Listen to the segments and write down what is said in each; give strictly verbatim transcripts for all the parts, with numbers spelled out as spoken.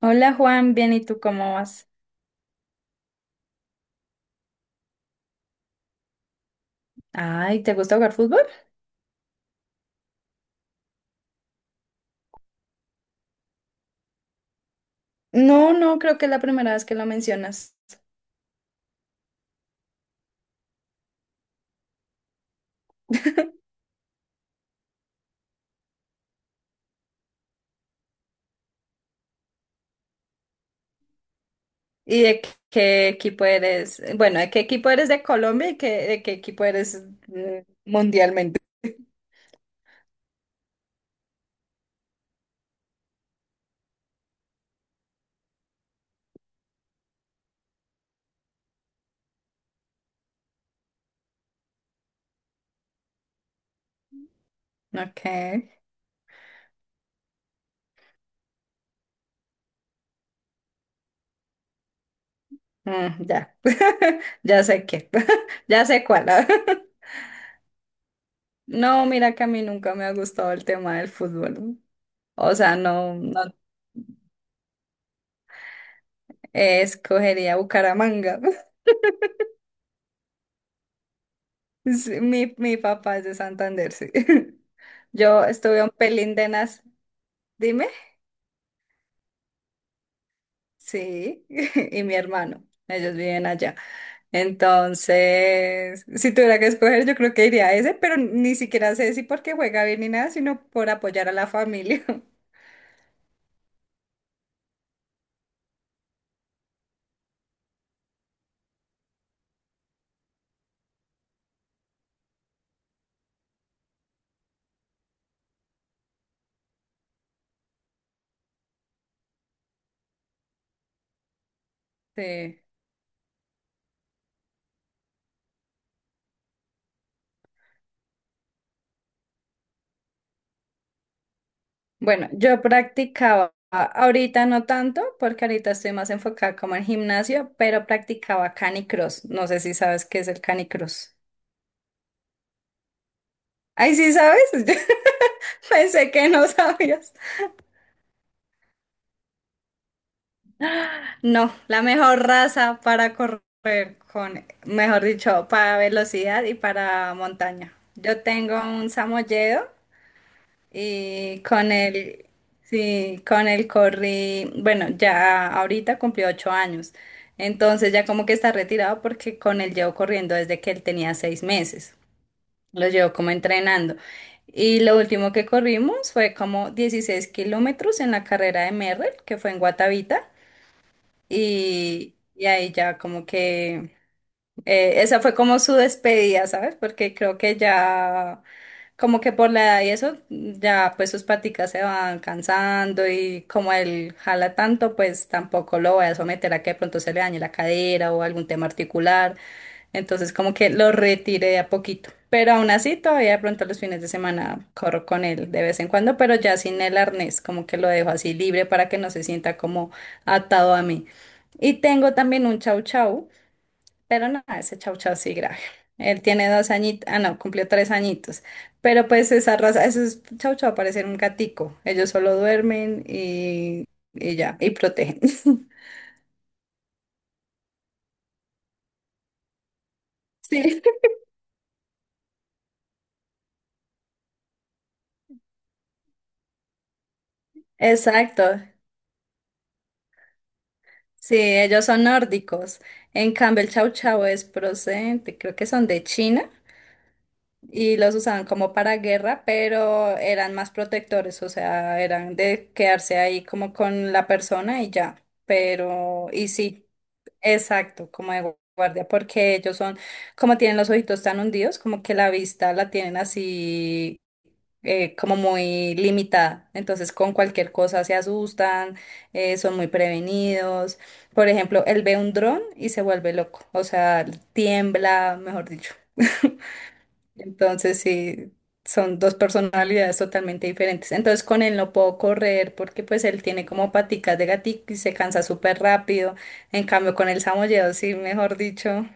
Hola Juan, bien, ¿y tú cómo vas? Ay, ¿te gusta jugar fútbol? No, no, creo que es la primera vez que lo mencionas. ¿Y de qué equipo eres? Bueno, ¿de qué equipo eres de Colombia y qué, de qué equipo eres eh, mundialmente? Ok, mm, ya, ya sé qué, ya sé cuál. No, mira que a mí nunca me ha gustado el tema del fútbol. O sea, no, no, eh, escogería Bucaramanga. Sí. Mi, mi papá es de Santander, sí. Yo estuve un pelín de nas, dime, sí, y mi hermano, ellos viven allá. Entonces, si tuviera que escoger, yo creo que iría a ese, pero ni siquiera sé si porque juega bien ni nada, sino por apoyar a la familia. Sí. Bueno, yo practicaba, ahorita no tanto, porque ahorita estoy más enfocada como en gimnasio, pero practicaba canicross. No sé si sabes qué es el canicross. Ay, sí, ¿sabes? Pensé que no sabías. No, la mejor raza para correr con, mejor dicho, para velocidad y para montaña. Yo tengo un samoyedo y con él, sí, con él corrí, bueno, ya ahorita cumplió ocho años. Entonces ya como que está retirado porque con él llevo corriendo desde que él tenía seis meses. Lo llevo como entrenando. Y lo último que corrimos fue como dieciséis kilómetros en la carrera de Merrell, que fue en Guatavita. Y, y ahí ya como que eh, esa fue como su despedida, ¿sabes? Porque creo que ya, como que por la edad y eso, ya pues sus paticas se van cansando y como él jala tanto, pues tampoco lo voy a someter a que de pronto se le dañe la cadera o algún tema articular. Entonces como que lo retiré de a poquito. Pero aún así, todavía de pronto los fines de semana corro con él de vez en cuando, pero ya sin el arnés, como que lo dejo así libre para que no se sienta como atado a mí. Y tengo también un chau chau. Pero no, ese chau chau sí grave. Él tiene dos añitos, ah no, cumplió tres añitos. Pero pues esa raza, eso es chau chau, parecer un gatico. Ellos solo duermen y, y ya, y protegen. Sí, exacto. Sí, ellos son nórdicos. En cambio, el chau chau es procedente, creo que son de China y los usaban como para guerra, pero eran más protectores, o sea, eran de quedarse ahí como con la persona y ya. Pero, y sí. Exacto, como de guardia, porque ellos son, como tienen los ojitos tan hundidos, como que la vista la tienen así, eh, como muy limitada. Entonces, con cualquier cosa se asustan, eh, son muy prevenidos. Por ejemplo, él ve un dron y se vuelve loco, o sea, tiembla, mejor dicho. Entonces, sí, son dos personalidades totalmente diferentes. Entonces, con él no puedo correr porque pues él tiene como paticas de gatito y se cansa súper rápido. En cambio, con el samoyedo, sí, mejor dicho.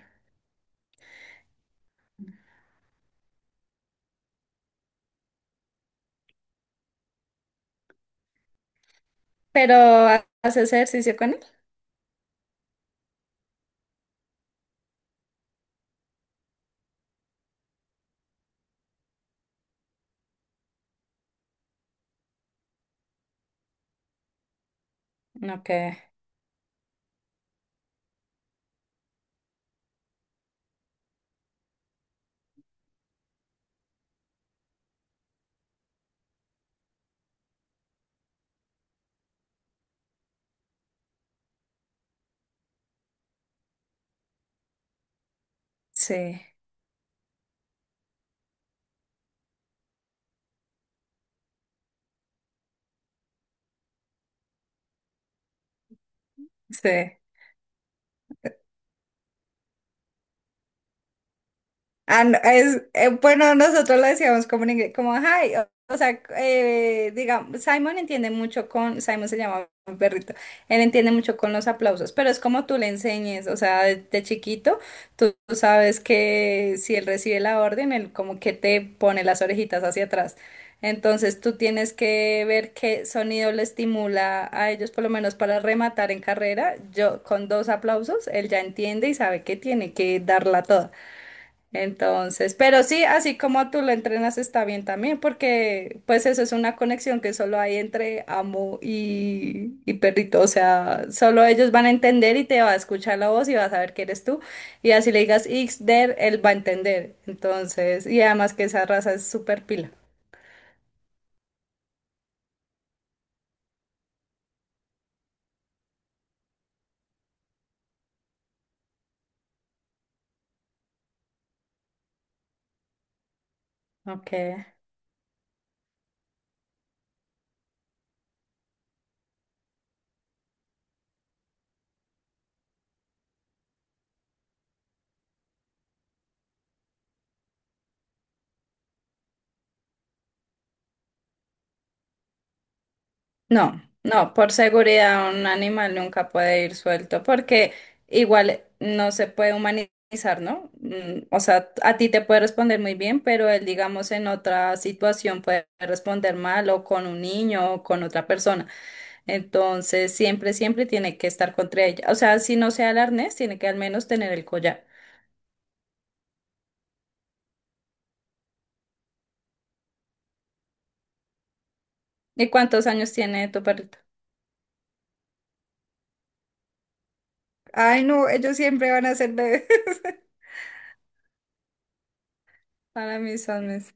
Pero, ¿haces ejercicio con él? Ok, sí, sí. Ah, no, es, eh, bueno, nosotros lo decíamos como en inglés, como, hi, o, o sea, eh, digamos, Simon entiende mucho con, Simon se llama mi perrito, él entiende mucho con los aplausos, pero es como tú le enseñes, o sea, de, de chiquito, tú, tú sabes que si él recibe la orden, él como que te pone las orejitas hacia atrás. Entonces tú tienes que ver qué sonido le estimula a ellos, por lo menos para rematar en carrera. Yo con dos aplausos, él ya entiende y sabe que tiene que darla toda. Entonces, pero sí, así como tú lo entrenas está bien también, porque pues eso es una conexión que solo hay entre amo y, y perrito, o sea, solo ellos van a entender y te va a escuchar la voz y va a saber que eres tú, y así le digas Ixder, él va a entender, entonces, y además que esa raza es súper pila. Ok. No, no, por seguridad un animal nunca puede ir suelto porque igual no se puede humanizar, ¿no? Mm, o sea, a ti te puede responder muy bien, pero él, digamos, en otra situación puede responder mal o con un niño o con otra persona. Entonces, siempre, siempre tiene que estar contra ella. O sea, si no sea el arnés, tiene que al menos tener el collar. ¿Y cuántos años tiene tu perrito? Ay, no, ellos siempre van a ser bebés. Para mí son mis...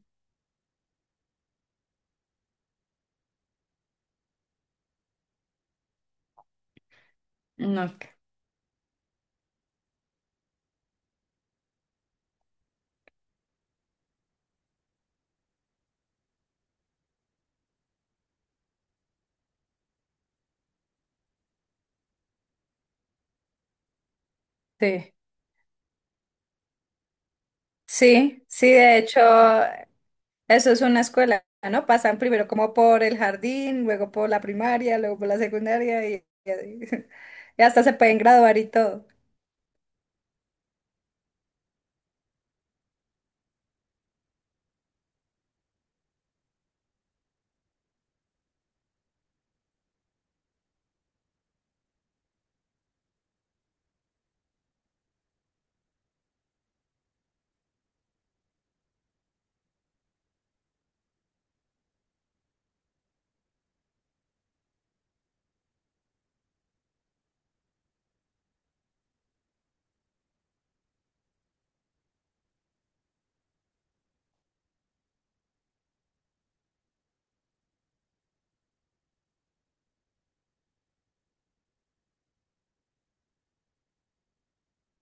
No, ok, sí. Sí, sí, de hecho, eso es una escuela, ¿no? Pasan primero como por el jardín, luego por la primaria, luego por la secundaria y, y así. Y hasta se pueden graduar y todo.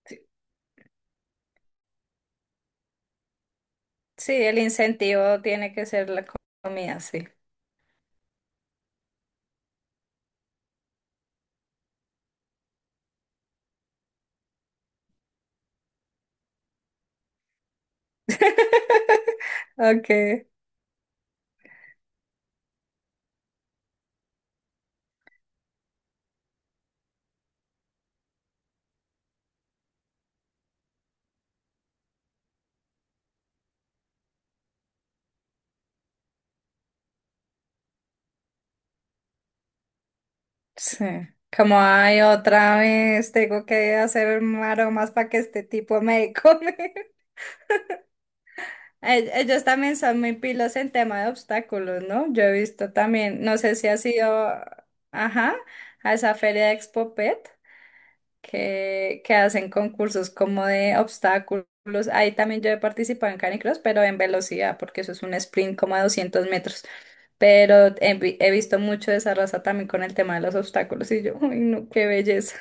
Sí, sí, el incentivo tiene que ser la comida, sí. Okay, sí. Como hay otra vez, tengo que hacer maromas para que este tipo me come. E- Ellos también son muy pilos en tema de obstáculos, ¿no? Yo he visto también, no sé si ha sido, ajá, a esa feria de Expo Pet, que, que hacen concursos como de obstáculos. Ahí también yo he participado en canicross, pero en velocidad, porque eso es un sprint como a doscientos metros. Pero he, vi- he visto mucho de esa raza también con el tema de los obstáculos y yo, uy, no, qué belleza.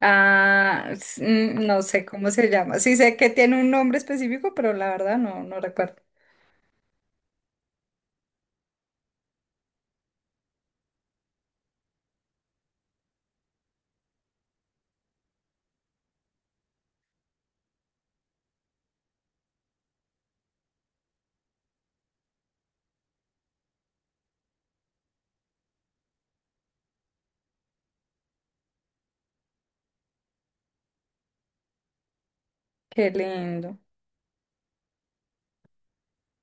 Ah, s- mm, no sé cómo se llama. Sí sé que tiene un nombre específico, pero la verdad no, no recuerdo. Qué lindo.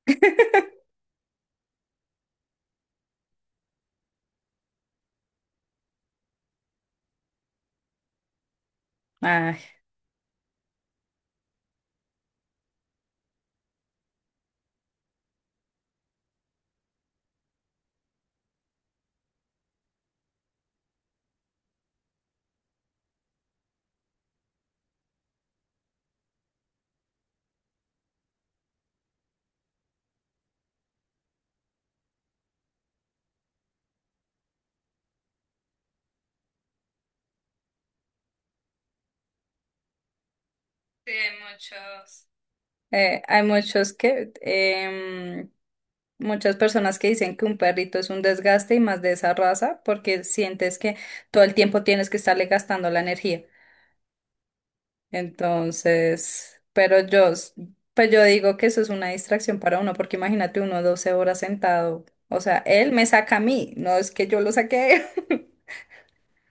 Ay, sí, hay muchos. eh, hay muchos que, em, muchas personas que dicen que un perrito es un desgaste y más de esa raza porque sientes que todo el tiempo tienes que estarle gastando la energía. Entonces, pero yo, s- pues yo digo que eso es una distracción para uno porque imagínate uno doce horas sentado. O sea, él me saca a mí, no es que yo lo saque.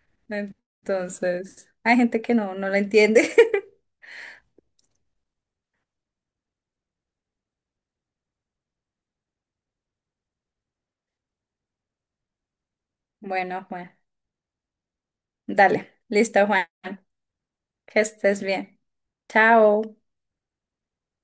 Entonces, hay gente que no, no la entiende. Bueno, bueno. Dale, listo, Juan. Que estés bien. Chao.